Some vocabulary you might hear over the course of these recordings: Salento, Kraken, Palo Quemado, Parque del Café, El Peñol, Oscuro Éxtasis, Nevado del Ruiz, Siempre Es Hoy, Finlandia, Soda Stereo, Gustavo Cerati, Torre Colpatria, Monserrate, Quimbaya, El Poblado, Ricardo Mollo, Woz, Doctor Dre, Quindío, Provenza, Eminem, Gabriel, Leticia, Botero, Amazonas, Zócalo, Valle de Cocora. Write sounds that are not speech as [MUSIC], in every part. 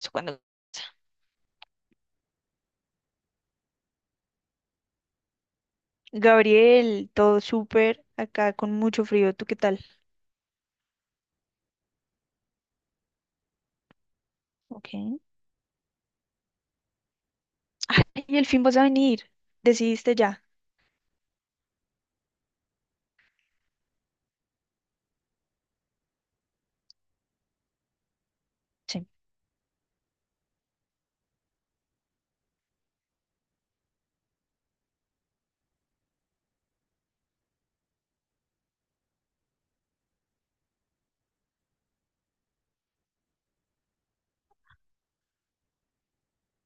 Eso cuando- Gabriel, todo súper, acá con mucho frío, ¿tú qué tal? Ok. Ay, el fin vas a venir, decidiste ya. Sí.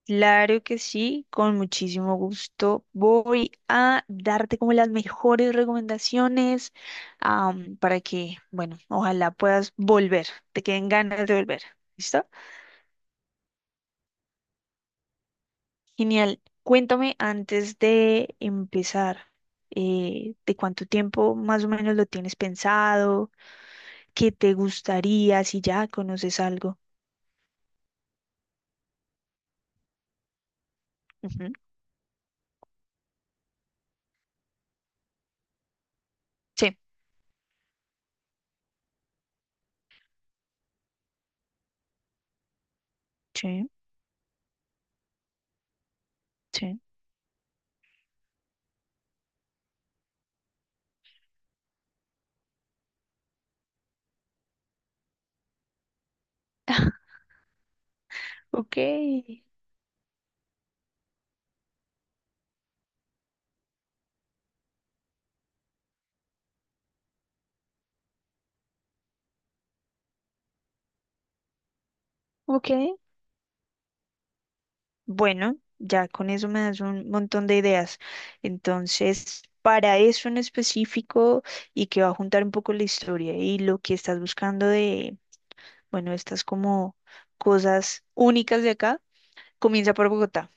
Claro que sí, con muchísimo gusto. Voy a darte como las mejores recomendaciones, para que, bueno, ojalá puedas volver, te queden ganas de volver. ¿Listo? Genial. Cuéntame antes de empezar, ¿de cuánto tiempo más o menos lo tienes pensado? Que te gustaría si ya conoces algo? Ujú. Sí. Sí, sí. [LAUGHS] Ok, ok. Bueno, ya con eso me das un montón de ideas. Entonces, para eso en específico y que va a juntar un poco la historia y lo que estás buscando de, bueno, estas como cosas únicas de acá, comienza por Bogotá,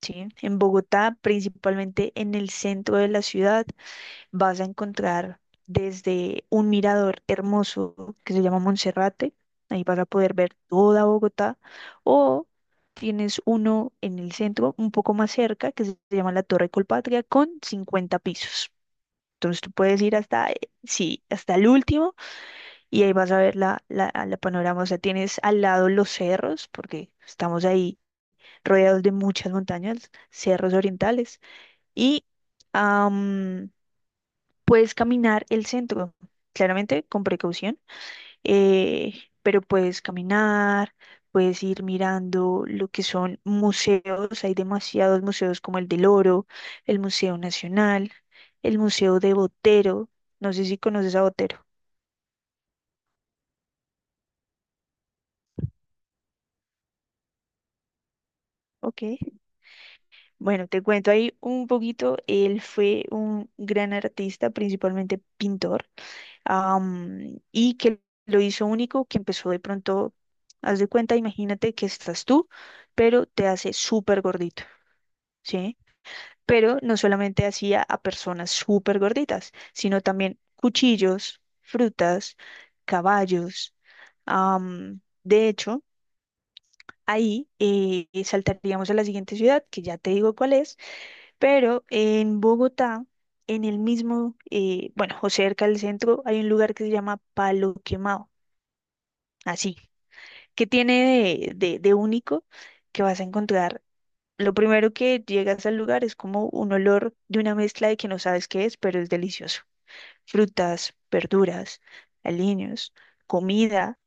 ¿sí? En Bogotá, principalmente en el centro de la ciudad, vas a encontrar desde un mirador hermoso que se llama Monserrate. Ahí vas a poder ver toda Bogotá, o tienes uno en el centro, un poco más cerca, que se llama la Torre Colpatria, con 50 pisos. Entonces tú puedes ir hasta, sí, hasta el último y ahí vas a ver la panorama. O sea, tienes al lado los cerros, porque estamos ahí rodeados de muchas montañas, cerros orientales, y puedes caminar el centro, claramente con precaución, eh, pero puedes caminar, puedes ir mirando lo que son museos. Hay demasiados museos como el del Oro, el Museo Nacional, el Museo de Botero. No sé si conoces a Botero. Ok. Bueno, te cuento ahí un poquito. Él fue un gran artista, principalmente pintor. Y que lo hizo único, que empezó de pronto, haz de cuenta, imagínate que estás tú, pero te hace súper gordito, ¿sí? Pero no solamente hacía a personas súper gorditas, sino también cuchillos, frutas, caballos. De hecho, ahí saltaríamos a la siguiente ciudad, que ya te digo cuál es, pero en Bogotá, en el mismo, bueno, o cerca del centro, hay un lugar que se llama Palo Quemado. Así. ¿Qué tiene de único que vas a encontrar? Lo primero que llegas al lugar es como un olor de una mezcla de que no sabes qué es, pero es delicioso. Frutas, verduras, aliños, comida.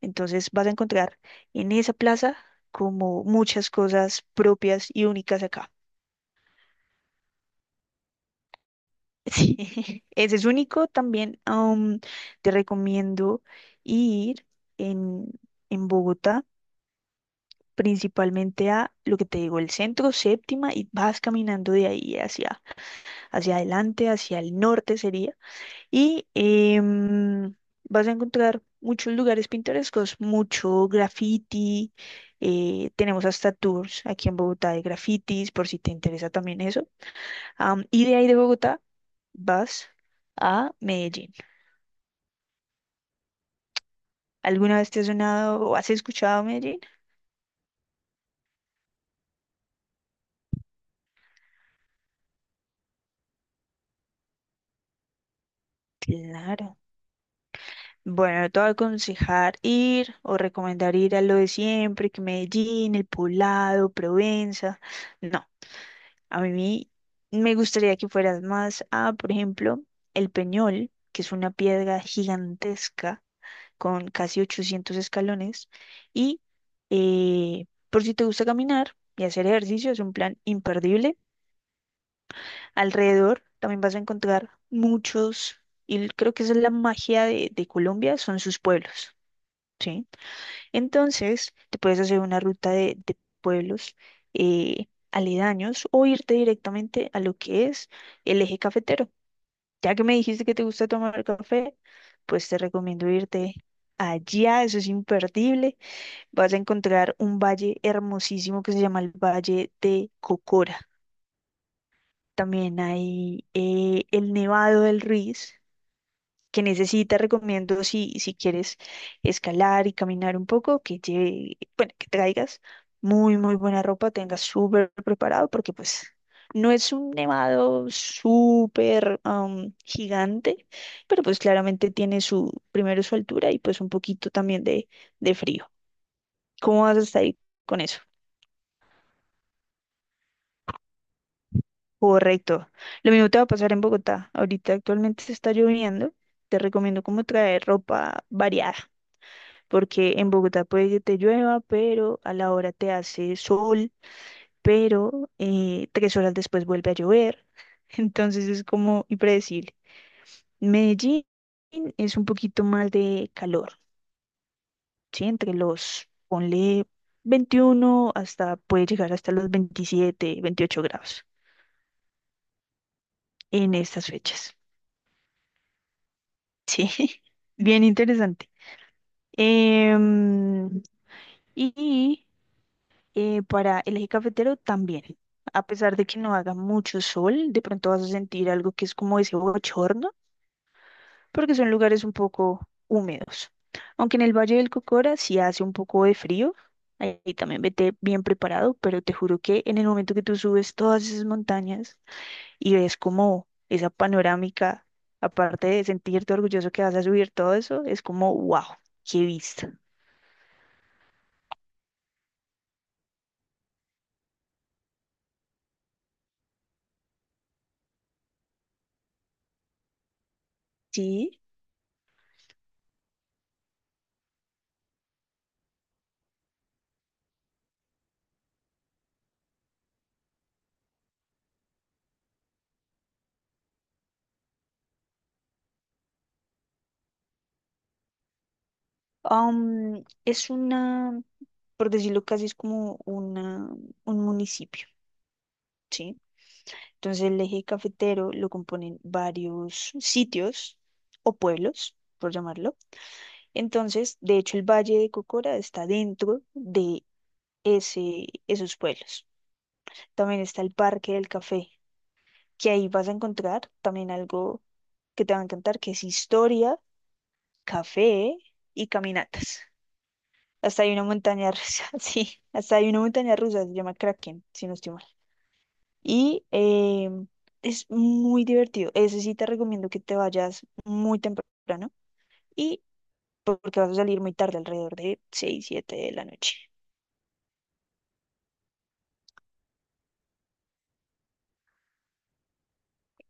Entonces vas a encontrar en esa plaza como muchas cosas propias y únicas acá. Sí, [LAUGHS] ese es único también. Te recomiendo ir en, Bogotá. Principalmente a lo que te digo, el centro, séptima, y vas caminando de ahí hacia, hacia adelante, hacia el norte sería. Y vas a encontrar muchos lugares pintorescos, mucho graffiti. Tenemos hasta tours aquí en Bogotá de grafitis, por si te interesa también eso. Y de ahí de Bogotá vas a Medellín. ¿Alguna vez te has sonado o has escuchado Medellín? Claro. Bueno, yo te voy a aconsejar ir o recomendar ir a lo de siempre, que Medellín, El Poblado, Provenza. No, a mí me gustaría que fueras más a, por ejemplo, El Peñol, que es una piedra gigantesca con casi 800 escalones. Y por si te gusta caminar y hacer ejercicio, es un plan imperdible. Alrededor también vas a encontrar muchos, y creo que esa es la magia de, Colombia, son sus pueblos. ¿Sí? Entonces, te puedes hacer una ruta de, pueblos aledaños o irte directamente a lo que es el eje cafetero. Ya que me dijiste que te gusta tomar café, pues te recomiendo irte allá, eso es imperdible. Vas a encontrar un valle hermosísimo que se llama el Valle de Cocora. También hay el Nevado del Ruiz, que necesita, recomiendo si, si quieres escalar y caminar un poco, que lleve, bueno, que traigas muy, muy buena ropa, tengas súper preparado, porque pues no es un nevado súper gigante, pero pues claramente tiene su, primero su altura y pues un poquito también de, frío. ¿Cómo vas a estar ahí con eso? Correcto. Lo mismo te va a pasar en Bogotá. Ahorita actualmente se está lloviendo. Te recomiendo como traer ropa variada porque en Bogotá puede que te llueva, pero a la hora te hace sol, pero 3 horas después vuelve a llover. [LAUGHS] Entonces es como impredecible. Medellín es un poquito más de calor, ¿sí? Entre los, ponle 21 hasta, puede llegar hasta los 27, 28 grados en estas fechas. Sí, [LAUGHS] bien interesante. Em, y para el eje cafetero también. A pesar de que no haga mucho sol, de pronto vas a sentir algo que es como ese bochorno, porque son lugares un poco húmedos. Aunque en el Valle del Cocora sí hace un poco de frío, ahí también vete bien preparado, pero te juro que en el momento que tú subes todas esas montañas y ves como esa panorámica, aparte de sentirte orgulloso que vas a subir todo eso, es como, wow, qué vista. Sí, es una... Por decirlo casi, es como una, un municipio, ¿sí? Entonces el eje cafetero lo componen varios sitios o pueblos, por llamarlo. Entonces, de hecho, el Valle de Cocora está dentro de ese, esos pueblos. También está el Parque del Café, que ahí vas a encontrar también algo que te va a encantar, que es historia, café y caminatas. Hasta hay una montaña rusa, [LAUGHS] sí, hasta hay una montaña rusa, se llama Kraken, si no estoy mal. Y es muy divertido. Ese sí te recomiendo que te vayas muy temprano y porque vas a salir muy tarde, alrededor de 6 o 7 de la noche.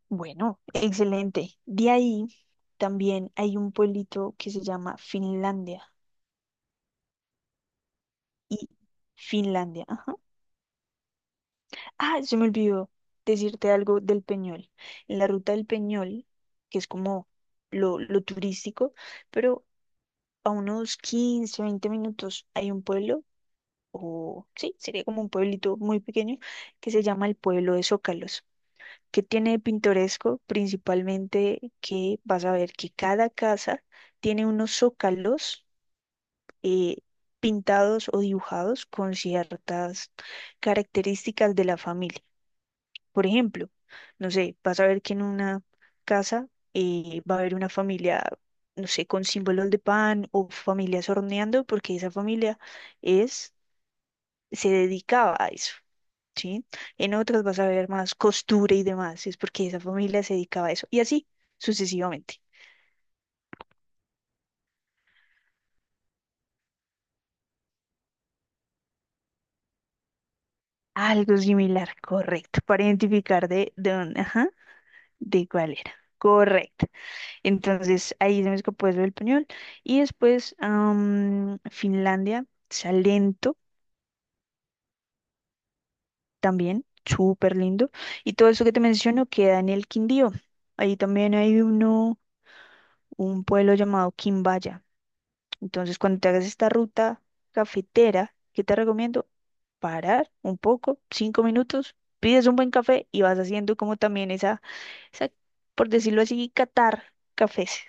Bueno, excelente. De ahí también hay un pueblito que se llama Finlandia. Y Finlandia, ajá. Ah, se me olvidó decirte algo del Peñol. En la ruta del Peñol, que es como lo, turístico, pero a unos 15 o 20 minutos hay un pueblo o sí, sería como un pueblito muy pequeño que se llama el pueblo de Zócalos. Que tiene de pintoresco? Principalmente que vas a ver que cada casa tiene unos zócalos eh, pintados o dibujados con ciertas características de la familia. Por ejemplo, no sé, vas a ver que en una casa va a haber una familia, no sé, con símbolos de pan o familias horneando, porque esa familia es, se dedicaba a eso. ¿Sí? En otras vas a ver más costura y demás, si es porque esa familia se dedicaba a eso, y así sucesivamente. Algo similar, correcto, para identificar de, dónde, ajá, de cuál era. Correcto. Entonces ahí se me escapó eso del pañol. Y después Finlandia, Salento también, súper lindo. Y todo eso que te menciono queda en el Quindío. Ahí también hay uno, un pueblo llamado Quimbaya. Entonces, cuando te hagas esta ruta cafetera, ¿qué te recomiendo? Parar un poco, 5 minutos, pides un buen café y vas haciendo como también esa, por decirlo así, catar cafés,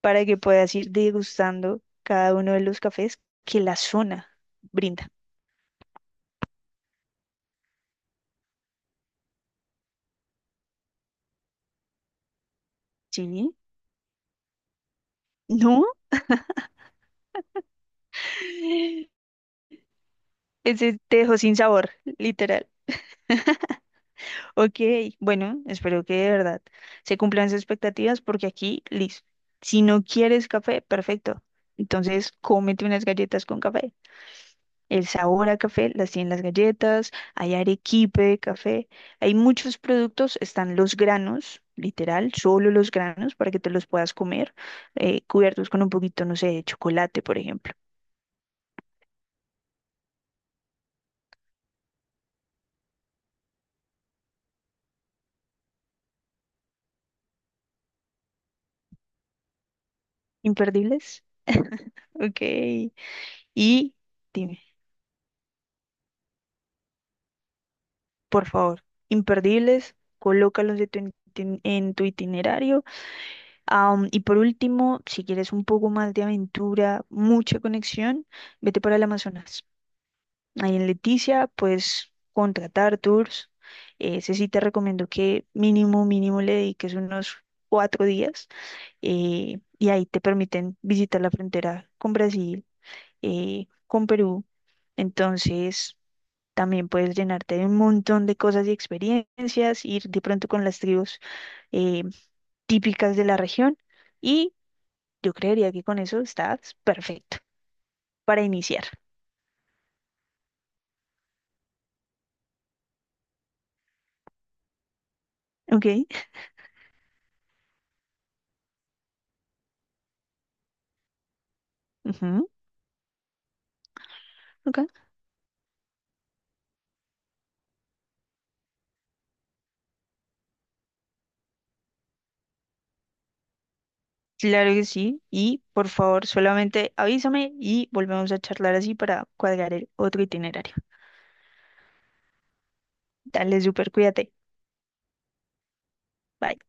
para que puedas ir degustando cada uno de los cafés que la zona brinda. ¿Sí? ¿No? [LAUGHS] Ese te dejó sin sabor, literal. Ok, bueno, espero que de verdad se cumplan sus expectativas porque aquí, listo. Si no quieres café, perfecto. Entonces, cómete unas galletas con café. El sabor a café las tienen las galletas, hay arequipe de café, hay muchos productos, están los granos, literal, solo los granos para que te los puedas comer, cubiertos con un poquito, no sé, de chocolate, por ejemplo. Imperdibles. Ok. Y dime. Por favor, imperdibles, colócalos de en tu itinerario. Y por último, si quieres un poco más de aventura, mucha conexión, vete para el Amazonas. Ahí en Leticia puedes contratar tours. Ese sí te recomiendo que mínimo, mínimo le dediques unos 4 días y ahí te permiten visitar la frontera con Brasil, con Perú. Entonces... También puedes llenarte de un montón de cosas y experiencias, ir de pronto con las tribus eh, típicas de la región y yo creería que con eso estás perfecto para iniciar. ¿Ok? Ujú, ok. Claro que sí. Y por favor, solamente avísame y volvemos a charlar así para cuadrar el otro itinerario. Dale, súper, cuídate. Bye.